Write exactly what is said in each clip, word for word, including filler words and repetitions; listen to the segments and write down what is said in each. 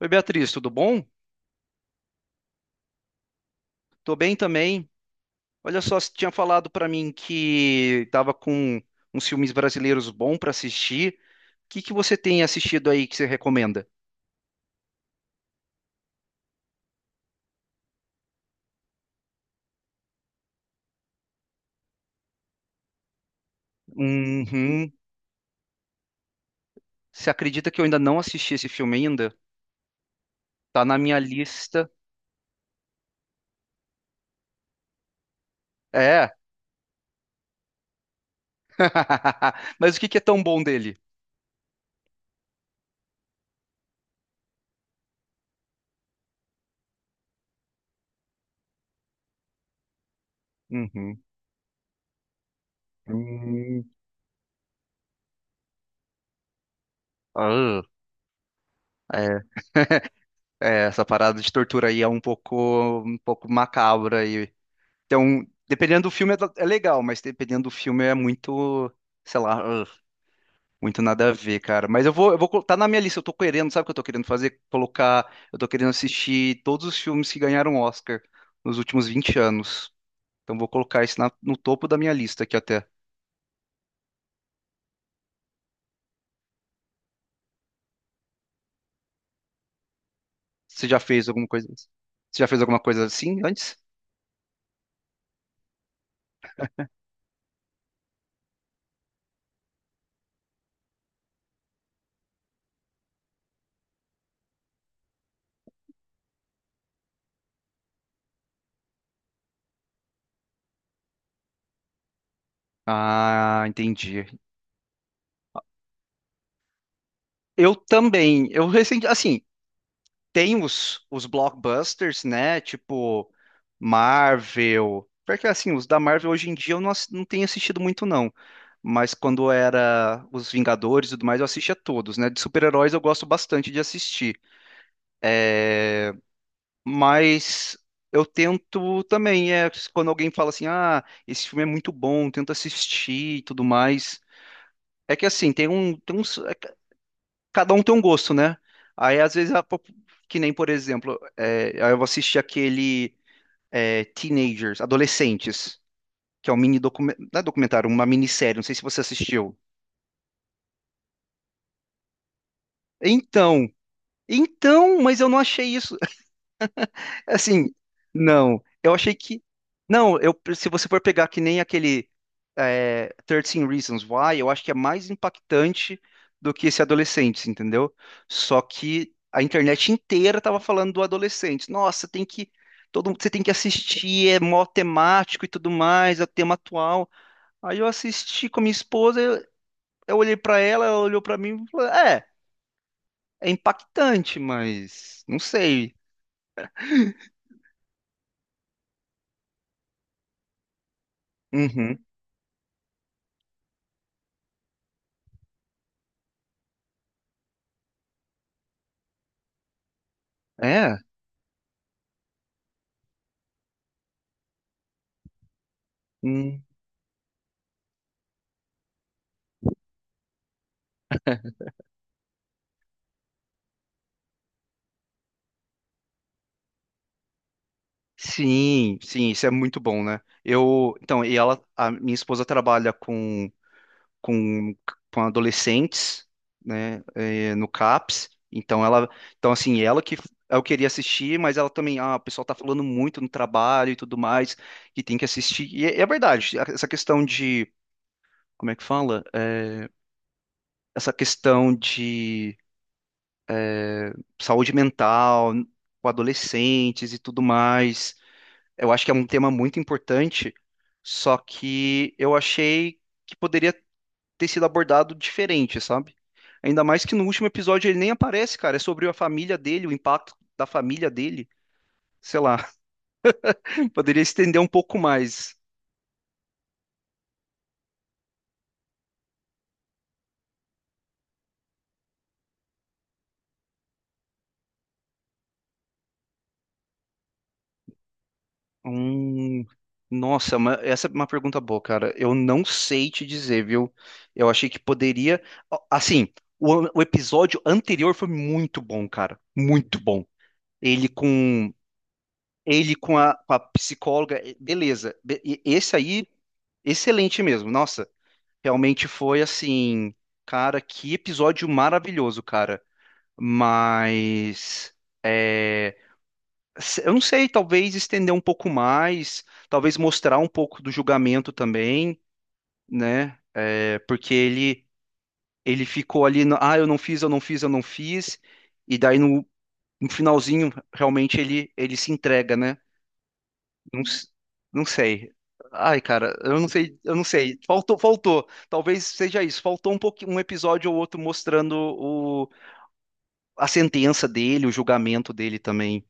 Oi, Beatriz, tudo bom? Tô bem também. Olha só, você tinha falado pra mim que tava com uns filmes brasileiros bons pra assistir. O que que você tem assistido aí que você recomenda? Uhum. Você acredita que eu ainda não assisti esse filme ainda? Tá na minha lista. É. Mas o que que é tão bom dele? Uhum. Hum. Ah, É, é, essa parada de tortura aí é um pouco, um pouco macabra aí. Então, dependendo do filme é da- é legal, mas dependendo do filme é muito, sei lá, ugh, muito nada a ver, cara. Mas eu vou, eu vou, col- tá na minha lista, eu tô querendo, sabe o que eu tô querendo fazer? Colocar, eu tô querendo assistir todos os filmes que ganharam Oscar nos últimos vinte anos. Então vou colocar isso na- no topo da minha lista aqui até. Você já fez alguma coisa? Você já fez alguma coisa assim antes? Ah, entendi. Eu também. Eu recente, assim, tem os, os blockbusters, né? Tipo Marvel. Porque assim, os da Marvel hoje em dia eu não, ass- não tenho assistido muito, não. Mas quando era os Vingadores e tudo mais, eu assistia todos, né? De super-heróis eu gosto bastante de assistir. Mas eu tento também, é, quando alguém fala assim, ah, esse filme é muito bom, tento assistir e tudo mais. É que assim, tem um, tem uns- é que cada um tem um gosto, né? Aí às vezes, a pop- que nem, por exemplo, é, aí eu vou assistir aquele. é, Teenagers, Adolescentes, que é um mini documentário, não é documentário, uma minissérie, não sei se você assistiu. Então, então, mas eu não achei isso. Assim, não, eu achei que. Não, eu, se você for pegar que nem aquele é, treze Reasons Why, eu acho que é mais impactante do que esse adolescente, entendeu? Só que a internet inteira tava falando do adolescente. Nossa, tem que. Todo, você tem que assistir, é mó temático e tudo mais, é o tema atual. Aí eu assisti com a minha esposa, eu, eu olhei pra ela, ela olhou pra mim e falou: É, é impactante, mas não sei. Uhum. É? Hum. Sim, sim, isso é muito bom, né? Eu, então, e ela, a minha esposa trabalha com, com, com adolescentes, né, eh, no CAPS, então ela, então assim, ela que eu queria assistir, mas ela também, ah, o pessoal tá falando muito no trabalho e tudo mais, que tem que assistir, e é é verdade, essa questão de, como é que fala? Essa questão de saúde mental com adolescentes e tudo mais. Eu acho que é um tema muito importante, só que eu achei que poderia ter sido abordado diferente, sabe? Ainda mais que no último episódio ele nem aparece, cara. É sobre a família dele, o impacto da família dele. Sei lá, poderia estender um pouco mais. Hum, nossa, ma- essa é uma pergunta boa, cara. Eu não sei te dizer, viu? Eu achei que poderia. Ó, assim, o, an- o episódio anterior foi muito bom, cara. Muito bom. Ele com Ele com a, com a psicóloga, eh, beleza. Be- e- Esse aí, excelente mesmo. Nossa, realmente foi assim, cara, que episódio maravilhoso, cara. Mas. eh, se- Eu não sei, talvez estender um pouco mais, talvez mostrar um pouco do julgamento também, né? É, porque ele ele ficou ali, no, ah, eu não fiz, eu não fiz, eu não fiz, e daí no, no finalzinho realmente ele ele se entrega, né? Não, s- não sei. Ai, cara, eu não sei, eu não sei. Faltou, faltou. Talvez seja isso. Faltou um pouquinho, um episódio ou outro mostrando o, a sentença dele, o julgamento dele também.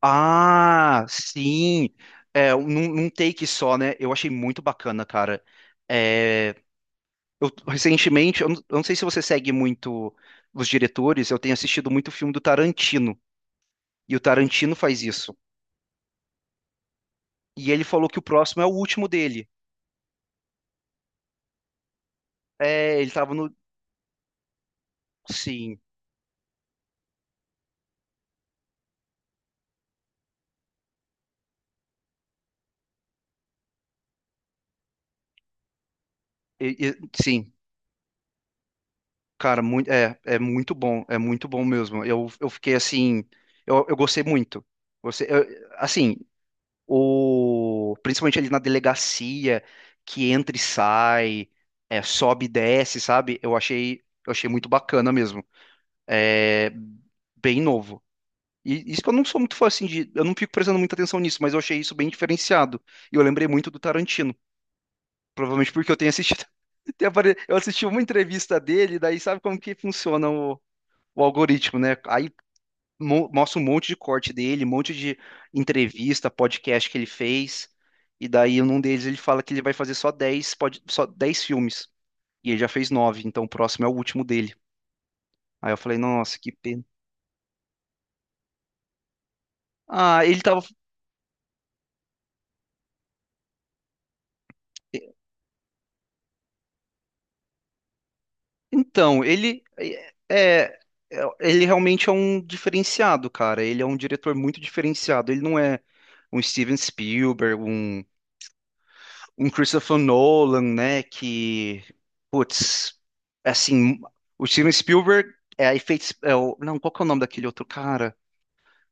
Ah, sim. É, um- num, num take só, né? Eu achei muito bacana, cara. É, eu, recentemente, eu não, eu não sei se você segue muito os diretores, eu tenho assistido muito filme do Tarantino. E o Tarantino faz isso. E ele falou que o próximo é o último dele. É, ele tava no. Sim. E- e- sim. Cara, muito, é, é muito bom. É muito bom mesmo. Eu, eu fiquei assim. Eu, eu gostei muito. Você, eu- assim. Ou principalmente ali na delegacia que entra e sai, é, sobe e desce, sabe? Eu achei, eu achei muito bacana mesmo. É bem novo. E isso que eu não sou muito fã assim de, eu não fico prestando muita atenção nisso, mas eu achei isso bem diferenciado. E eu lembrei muito do Tarantino, provavelmente porque eu tenho assistido tem apare- eu assisti uma entrevista dele, daí sabe como que funciona o, o algoritmo, né? Aí mo- mostra um monte de corte dele, um monte de entrevista, podcast que ele fez. E daí, num deles, ele fala que ele vai fazer só dez, pod- só dez filmes. E ele já fez nove, então o próximo é o último dele. Aí eu falei, nossa, que pena. Ah, ele tava. Então, ele é, é- ele realmente é um diferenciado, cara. Ele é um diretor muito diferenciado. Ele não é um Steven Spielberg, um um Christopher Nolan, né? Que, putz, assim, o Steven Spielberg é, efeitos, é o, não, qual que é o nome daquele outro cara?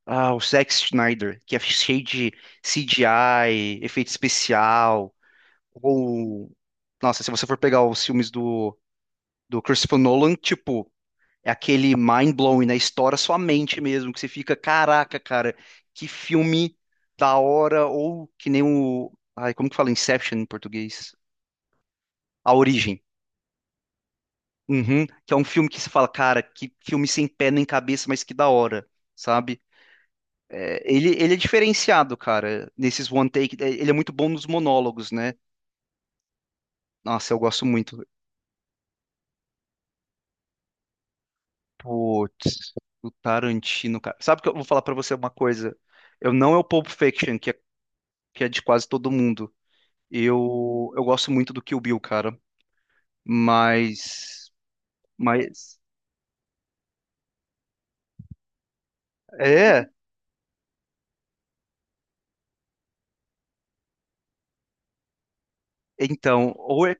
Ah, o Zack Snyder, que é cheio de C G I, efeito especial, ou, nossa, se você for pegar os filmes do, do Christopher Nolan, tipo, é aquele mind-blowing, né? Estoura sua mente mesmo, que você fica, caraca, cara, que filme da hora, ou que nem o, ai, como que fala Inception em português? A Origem. Uhum, que é um filme que se fala, cara, que filme sem pé nem cabeça, mas que da hora, sabe? É, ele, ele é diferenciado, cara, nesses one take. é, Ele é muito bom nos monólogos, né? Nossa, eu gosto muito. Putz, o Tarantino, cara. Sabe que eu vou falar pra você uma coisa? Eu não é o Pulp Fiction, que é, que é de quase todo mundo. Eu, eu gosto muito do Kill Bill, cara. Mas. Mas. É, então. Ou é,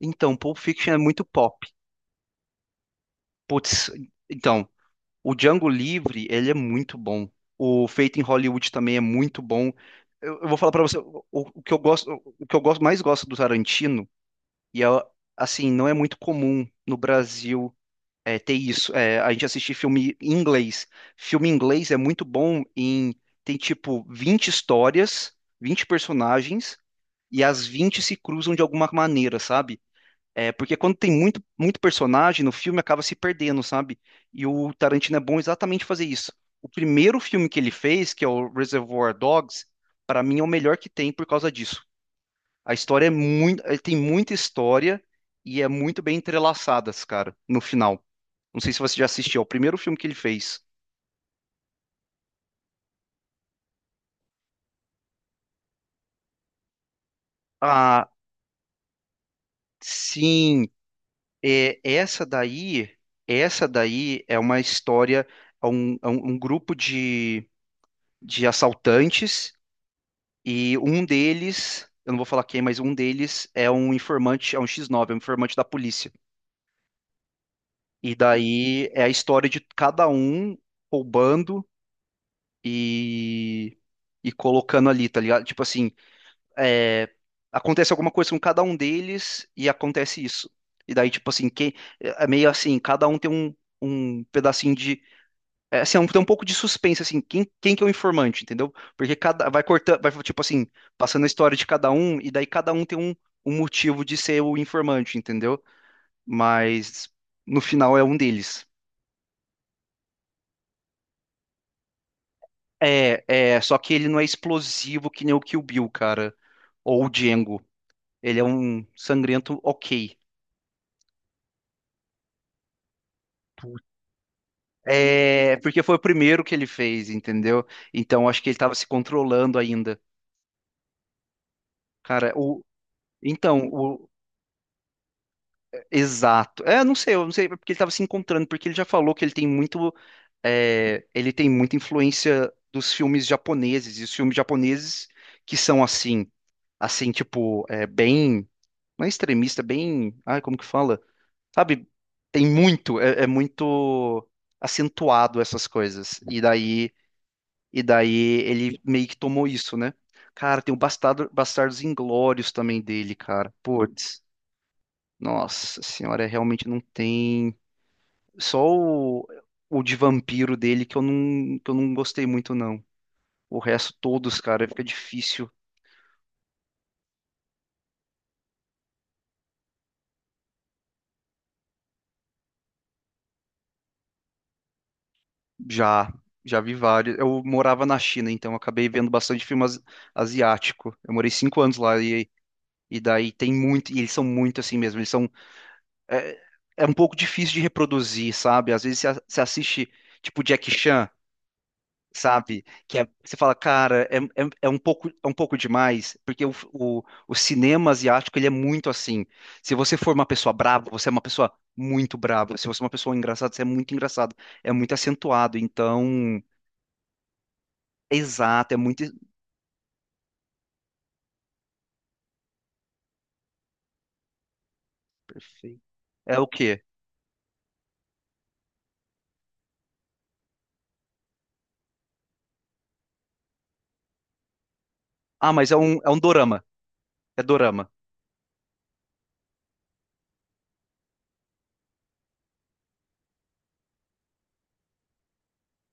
então, Pulp Fiction é muito pop. Putz, então. O Django Livre, ele é muito bom. O Feito em Hollywood também é muito bom. Eu, eu vou falar pra você o, o que eu gosto, o que eu gosto mais gosto do Tarantino e é, assim, não é muito comum no Brasil é, ter isso. É, a gente assistir filme em inglês. Filme em inglês é muito bom em tem tipo vinte histórias, vinte personagens e as vinte se cruzam de alguma maneira, sabe? É, porque quando tem muito, muito personagem no filme, acaba se perdendo, sabe? E o Tarantino é bom exatamente fazer isso. O primeiro filme que ele fez, que é o Reservoir Dogs, para mim é o melhor que tem por causa disso. A história é muito, ele tem muita história e é muito bem entrelaçadas, cara, no final. Não sei se você já assistiu, é o primeiro filme que ele fez. Ah, sim, é, essa daí, essa daí é uma história, é um, é um um grupo de, de assaltantes. E um deles, eu não vou falar quem, mas um deles é um informante, é um xis nove, é um informante da polícia. E daí é a história de cada um roubando e, e colocando ali, tá ligado? Tipo assim, é, acontece alguma coisa com cada um deles e acontece isso. E daí, tipo assim, quem, é meio assim, cada um tem um, um pedacinho de. É, assim, é um, tem um pouco de suspense, assim, quem, quem que é o informante, entendeu? Porque cada, vai cortando, vai, tipo assim, passando a história de cada um, e daí cada um tem um, um motivo de ser o informante, entendeu? Mas no final é um deles. É, é, só que ele não é explosivo que nem o Kill Bill, cara. Ou o Django. Ele é um sangrento ok. É, porque foi o primeiro que ele fez, entendeu? Então acho que ele tava se controlando ainda. Cara, o, então, o, exato. É, eu não sei, eu não sei é porque ele estava se encontrando, porque ele já falou que ele tem muito, é, ele tem muita influência dos filmes japoneses, e os filmes japoneses que são assim, assim, tipo, é, bem, não é extremista, bem, ai, como que fala? Sabe, tem muito, é, é muito acentuado essas coisas. E daí, e daí ele meio que tomou isso, né? Cara, tem o Bastardo, Bastardos Inglórios também dele, cara. Putz, nossa senhora, é, realmente não tem. Só o, o de vampiro dele que eu não, que eu não gostei muito, não. O resto, todos, cara, fica difícil. Já, já vi vários. Eu morava na China, então eu acabei vendo bastante filme asi- asiático. Eu morei cinco anos lá e, e daí tem muito. E eles são muito assim mesmo. Eles são. É, é um pouco difícil de reproduzir, sabe? Às vezes você a- você assiste, tipo, Jack Chan. Sabe? Que é- você fala, cara, é, é, é um pouco, é um pouco demais, porque o, o, o cinema asiático, ele é muito assim. Se você for uma pessoa brava, você é uma pessoa muito brava. Se você é uma pessoa engraçada, você é muito engraçado. É muito acentuado, então... Exato, é muito... Perfeito. É o quê? Ah, mas é um, é um dorama. É dorama.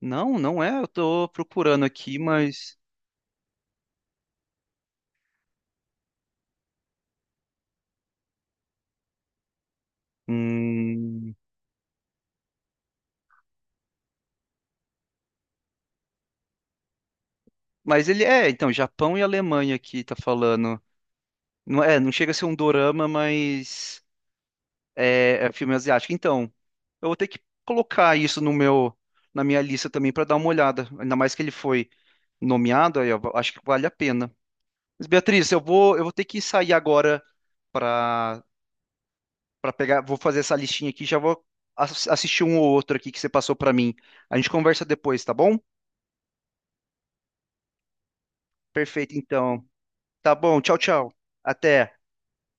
Não, não é. Eu tô procurando aqui, mas... Hum... Mas ele é, então, Japão e Alemanha aqui, tá falando. Não é, não chega a ser um dorama, mas... é, É filme asiático. Então, eu vou ter que colocar isso no meu, na minha lista também para dar uma olhada. Ainda mais que ele foi nomeado, aí eu acho que vale a pena. Mas, Beatriz, eu vou, eu vou ter que sair agora para para pegar, vou fazer essa listinha aqui, já vou ass- assistir um ou outro aqui que você passou para mim. A gente conversa depois, tá bom? Perfeito, então. Tá bom, tchau, tchau. Até.